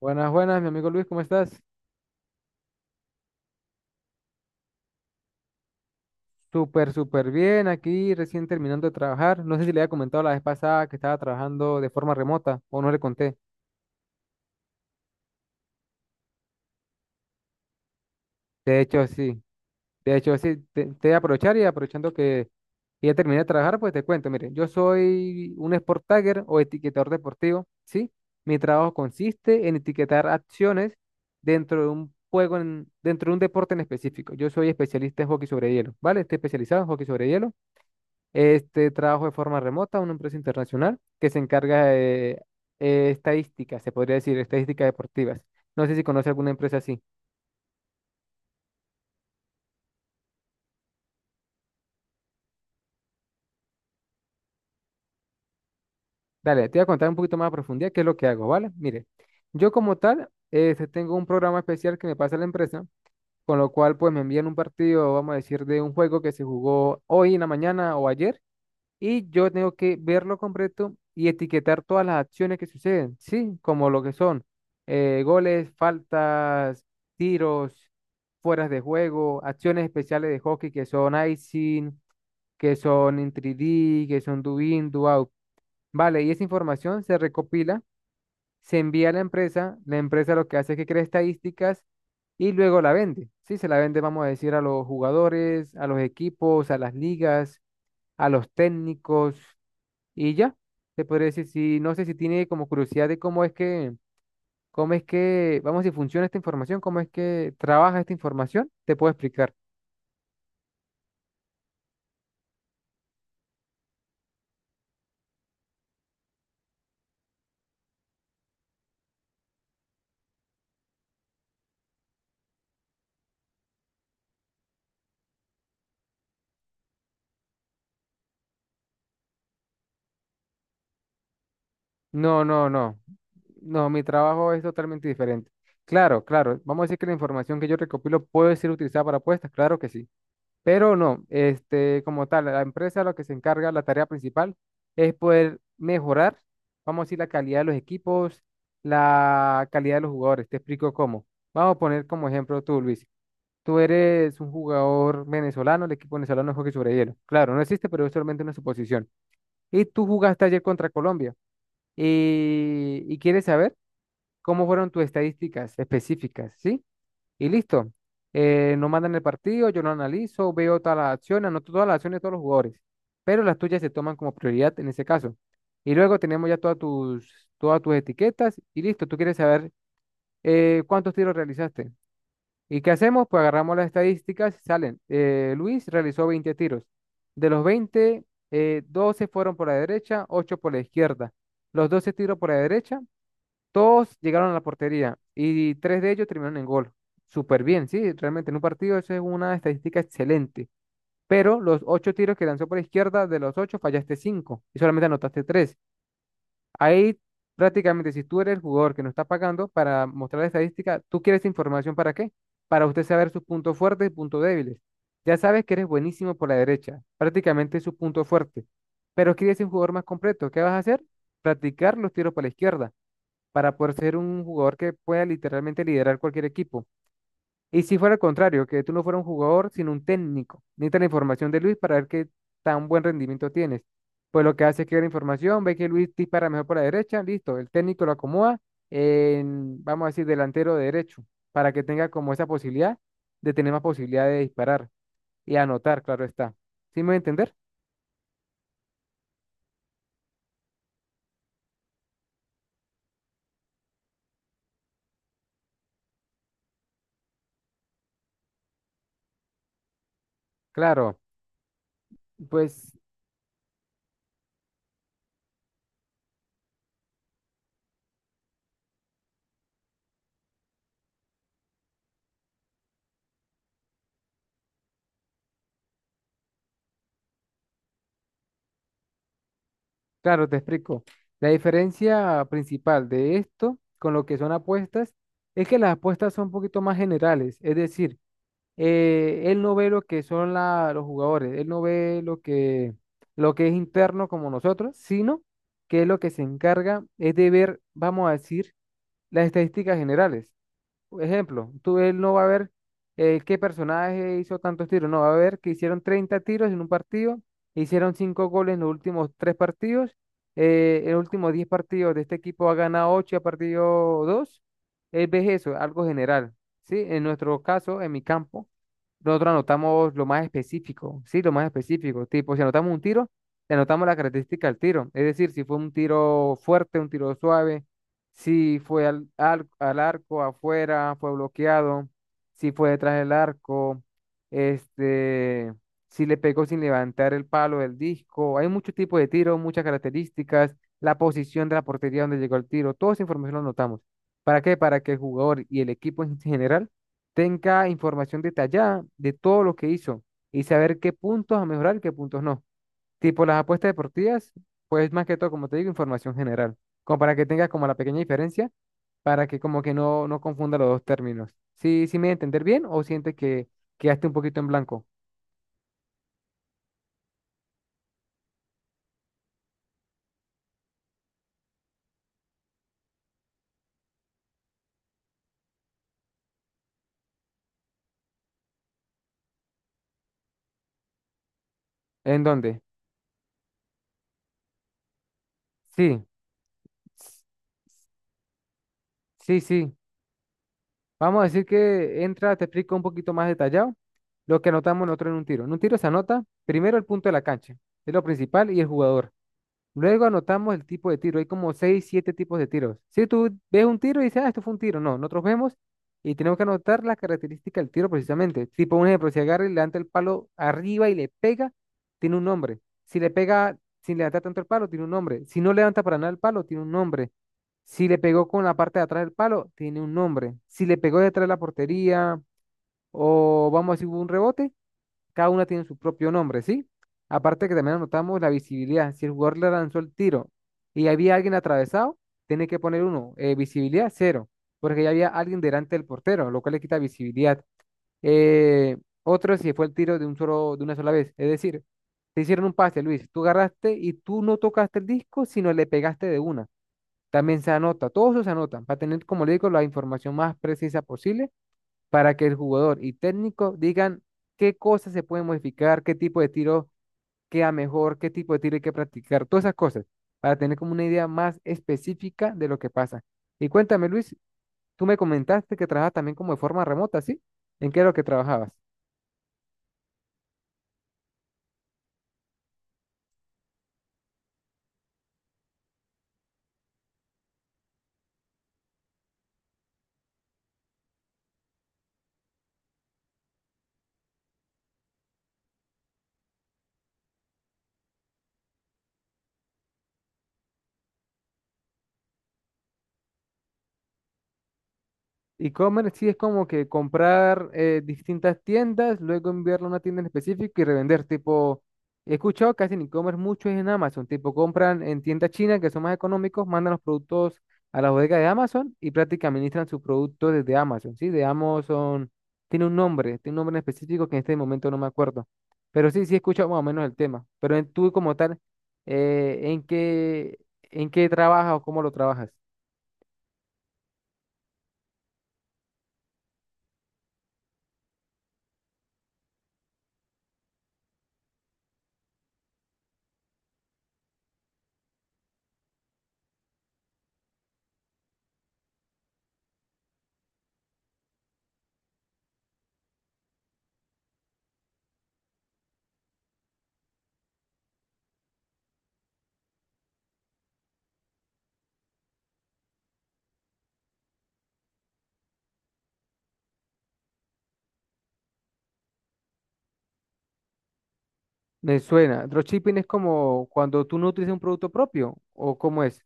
Buenas, buenas, mi amigo Luis, ¿cómo estás? Súper, súper bien, aquí recién terminando de trabajar. No sé si le había comentado la vez pasada que estaba trabajando de forma remota o no le conté. De hecho, sí, de hecho, sí, te voy a aprovechar y aprovechando que ya terminé de trabajar, pues te cuento, mire, yo soy un sport tagger o etiquetador deportivo, ¿sí? Mi trabajo consiste en etiquetar acciones dentro de un juego, dentro de un deporte en específico. Yo soy especialista en hockey sobre hielo, ¿vale? Estoy especializado en hockey sobre hielo. Este trabajo de forma remota a una empresa internacional que se encarga de estadísticas, se podría decir, estadísticas deportivas. No sé si conoce alguna empresa así. Dale, te voy a contar un poquito más a profundidad qué es lo que hago, ¿vale? Mire, yo como tal, tengo un programa especial que me pasa la empresa, con lo cual pues me envían un partido, vamos a decir, de un juego que se jugó hoy en la mañana o ayer, y yo tengo que verlo completo y etiquetar todas las acciones que suceden, ¿sí? Como lo que son goles, faltas, tiros, fueras de juego, acciones especiales de hockey que son icing, que son in 3D, que son do in, do out. Vale, y esa información se recopila, se envía a la empresa lo que hace es que crea estadísticas y luego la vende, ¿sí? Se la vende, vamos a decir, a los jugadores, a los equipos, a las ligas, a los técnicos. Y ya, te podría decir, si no sé si tiene como curiosidad de cómo es que, vamos, si funciona esta información, cómo es que trabaja esta información, te puedo explicar. No, no, no. No, mi trabajo es totalmente diferente. Claro, claro. Vamos a decir que la información que yo recopilo puede ser utilizada para apuestas, claro que sí. Pero no, como tal, la empresa lo que se encarga, la tarea principal es poder mejorar, vamos a decir, la calidad de los equipos, la calidad de los jugadores. Te explico cómo. Vamos a poner como ejemplo tú, Luis. Tú eres un jugador venezolano, el equipo venezolano no juega sobre hielo. Claro, no existe, pero es solamente una suposición. Y tú jugaste ayer contra Colombia. Y quieres saber cómo fueron tus estadísticas específicas, ¿sí? Y listo. No mandan el partido, yo lo analizo, veo todas las acciones, anoto todas las acciones de todos los jugadores. Pero las tuyas se toman como prioridad en ese caso. Y luego tenemos ya todas tus etiquetas y listo. Tú quieres saber cuántos tiros realizaste. ¿Y qué hacemos? Pues agarramos las estadísticas y salen. Luis realizó 20 tiros. De los 20, 12 fueron por la derecha, 8 por la izquierda. Los 12 tiros por la derecha, todos llegaron a la portería y 3 de ellos terminaron en gol. Súper bien, sí, realmente en un partido eso es una estadística excelente. Pero los 8 tiros que lanzó por la izquierda, de los 8 fallaste 5 y solamente anotaste 3. Ahí prácticamente, si tú eres el jugador que no está pagando para mostrar la estadística, ¿tú quieres esa información para qué? Para usted saber sus puntos fuertes y puntos débiles. Ya sabes que eres buenísimo por la derecha, prácticamente es su punto fuerte, pero quieres ser un jugador más completo. ¿Qué vas a hacer? Practicar los tiros para la izquierda para poder ser un jugador que pueda literalmente liderar cualquier equipo. Y si fuera al contrario, que tú no fueras un jugador, sino un técnico, necesitas la información de Luis para ver qué tan buen rendimiento tienes. Pues lo que hace es que ve la información, ve que Luis dispara mejor por la derecha, listo, el técnico lo acomoda en, vamos a decir, delantero derecho, para que tenga como esa posibilidad de tener más posibilidad de disparar y anotar, claro está. ¿Sí me voy a entender? Claro, pues claro, te explico. La diferencia principal de esto con lo que son apuestas es que las apuestas son un poquito más generales, es decir, él no ve lo que son los jugadores, él no ve lo que es interno como nosotros, sino que lo que se encarga es de ver, vamos a decir, las estadísticas generales. Ejemplo, tú él no va a ver qué personaje hizo tantos tiros, no, va a ver que hicieron 30 tiros en un partido, hicieron 5 goles en los últimos 3 partidos, en los últimos 10 partidos de este equipo ha ganado 8 y ha perdido dos. Él ve eso, algo general, ¿sí? En nuestro caso, en mi campo, nosotros anotamos lo más específico, ¿sí? Lo más específico, tipo, si anotamos un tiro, le anotamos la característica del tiro, es decir, si fue un tiro fuerte, un tiro suave, si fue al arco afuera, fue bloqueado, si fue detrás del arco, este, si le pegó sin levantar el palo del disco. Hay muchos tipos de tiros, muchas características, la posición de la portería donde llegó el tiro. Toda esa información la anotamos. ¿Para qué? Para que el jugador y el equipo en general tenga información detallada de todo lo que hizo y saber qué puntos a mejorar y qué puntos no. Tipo las apuestas deportivas, pues más que todo, como te digo, información general, como para que tengas como la pequeña diferencia, para que como que no confunda los dos términos. ¿Sí, sí me voy a entender bien o sientes que quedaste un poquito en blanco? ¿En dónde? Sí, s- sí, sí. Vamos a decir que entra, te explico un poquito más detallado lo que anotamos nosotros en un tiro. En un tiro se anota primero el punto de la cancha, es lo principal, y el jugador. Luego anotamos el tipo de tiro. Hay como 6 7 tipos de tiros. Si tú ves un tiro y dices, ah, esto fue un tiro. No, nosotros vemos y tenemos que anotar las características del tiro precisamente. Tipo, un ejemplo, si agarra y levanta el palo arriba y le pega, tiene un nombre. Si le pega sin levantar tanto el palo, tiene un nombre. Si no levanta para nada el palo, tiene un nombre. Si le pegó con la parte de atrás del palo, tiene un nombre. Si le pegó detrás de la portería o vamos a decir hubo un rebote, cada una tiene su propio nombre, ¿sí? Aparte que también anotamos la visibilidad. Si el jugador le lanzó el tiro y había alguien atravesado, tiene que poner uno. Visibilidad, cero, porque ya había alguien delante del portero, lo cual le quita visibilidad. Eh, otro si fue el tiro de un solo, de una sola vez. Es decir, te hicieron un pase, Luis. Tú agarraste y tú no tocaste el disco, sino le pegaste de una. También se anota, todos eso se anotan, para tener, como le digo, la información más precisa posible para que el jugador y técnico digan qué cosas se pueden modificar, qué tipo de tiro queda mejor, qué tipo de tiro hay que practicar, todas esas cosas, para tener como una idea más específica de lo que pasa. Y cuéntame, Luis, tú me comentaste que trabajas también como de forma remota, ¿sí? ¿En qué es lo que trabajabas? E-commerce sí es como que comprar distintas tiendas, luego enviarlo a una tienda en específico y revender. Tipo, he escuchado casi en e-commerce mucho es en Amazon. Tipo, compran en tiendas chinas que son más económicos, mandan los productos a la bodega de Amazon y prácticamente administran sus productos desde Amazon. Sí, de Amazon tiene un nombre en específico que en este momento no me acuerdo. Pero sí, sí he escuchado más o menos el tema. Pero en, tú como tal, eh, ¿en qué, en qué trabajas o cómo lo trabajas? Me suena. Dropshipping es como cuando tú no utilizas un producto propio, ¿o cómo es?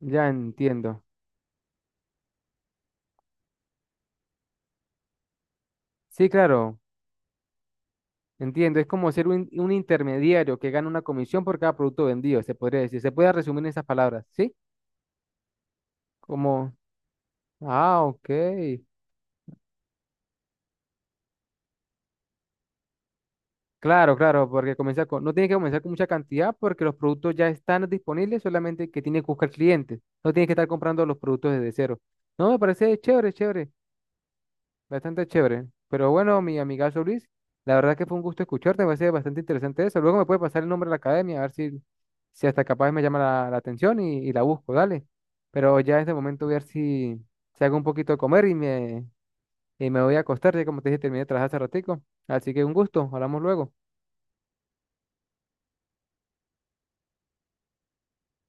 Ya entiendo. Sí, claro, entiendo. Es como ser un intermediario que gana una comisión por cada producto vendido, se podría decir. Se puede resumir en esas palabras, ¿sí? Como, ah, ok. Claro, claro, porque comienza con, no tiene que comenzar con mucha cantidad porque los productos ya están disponibles, solamente que tiene que buscar clientes. No tiene que estar comprando los productos desde cero. No, me parece chévere, chévere. Bastante chévere. Pero bueno, mi amigazo Luis, la verdad que fue un gusto escucharte, me parece bastante interesante eso. Luego me puede pasar el nombre de la academia, a ver si hasta capaz me llama la atención y la busco, dale. Pero ya en este momento voy a ver si hago un poquito de comer y me voy a acostar, ya como te dije, terminé de trabajar hace ratico. Así que un gusto, hablamos luego.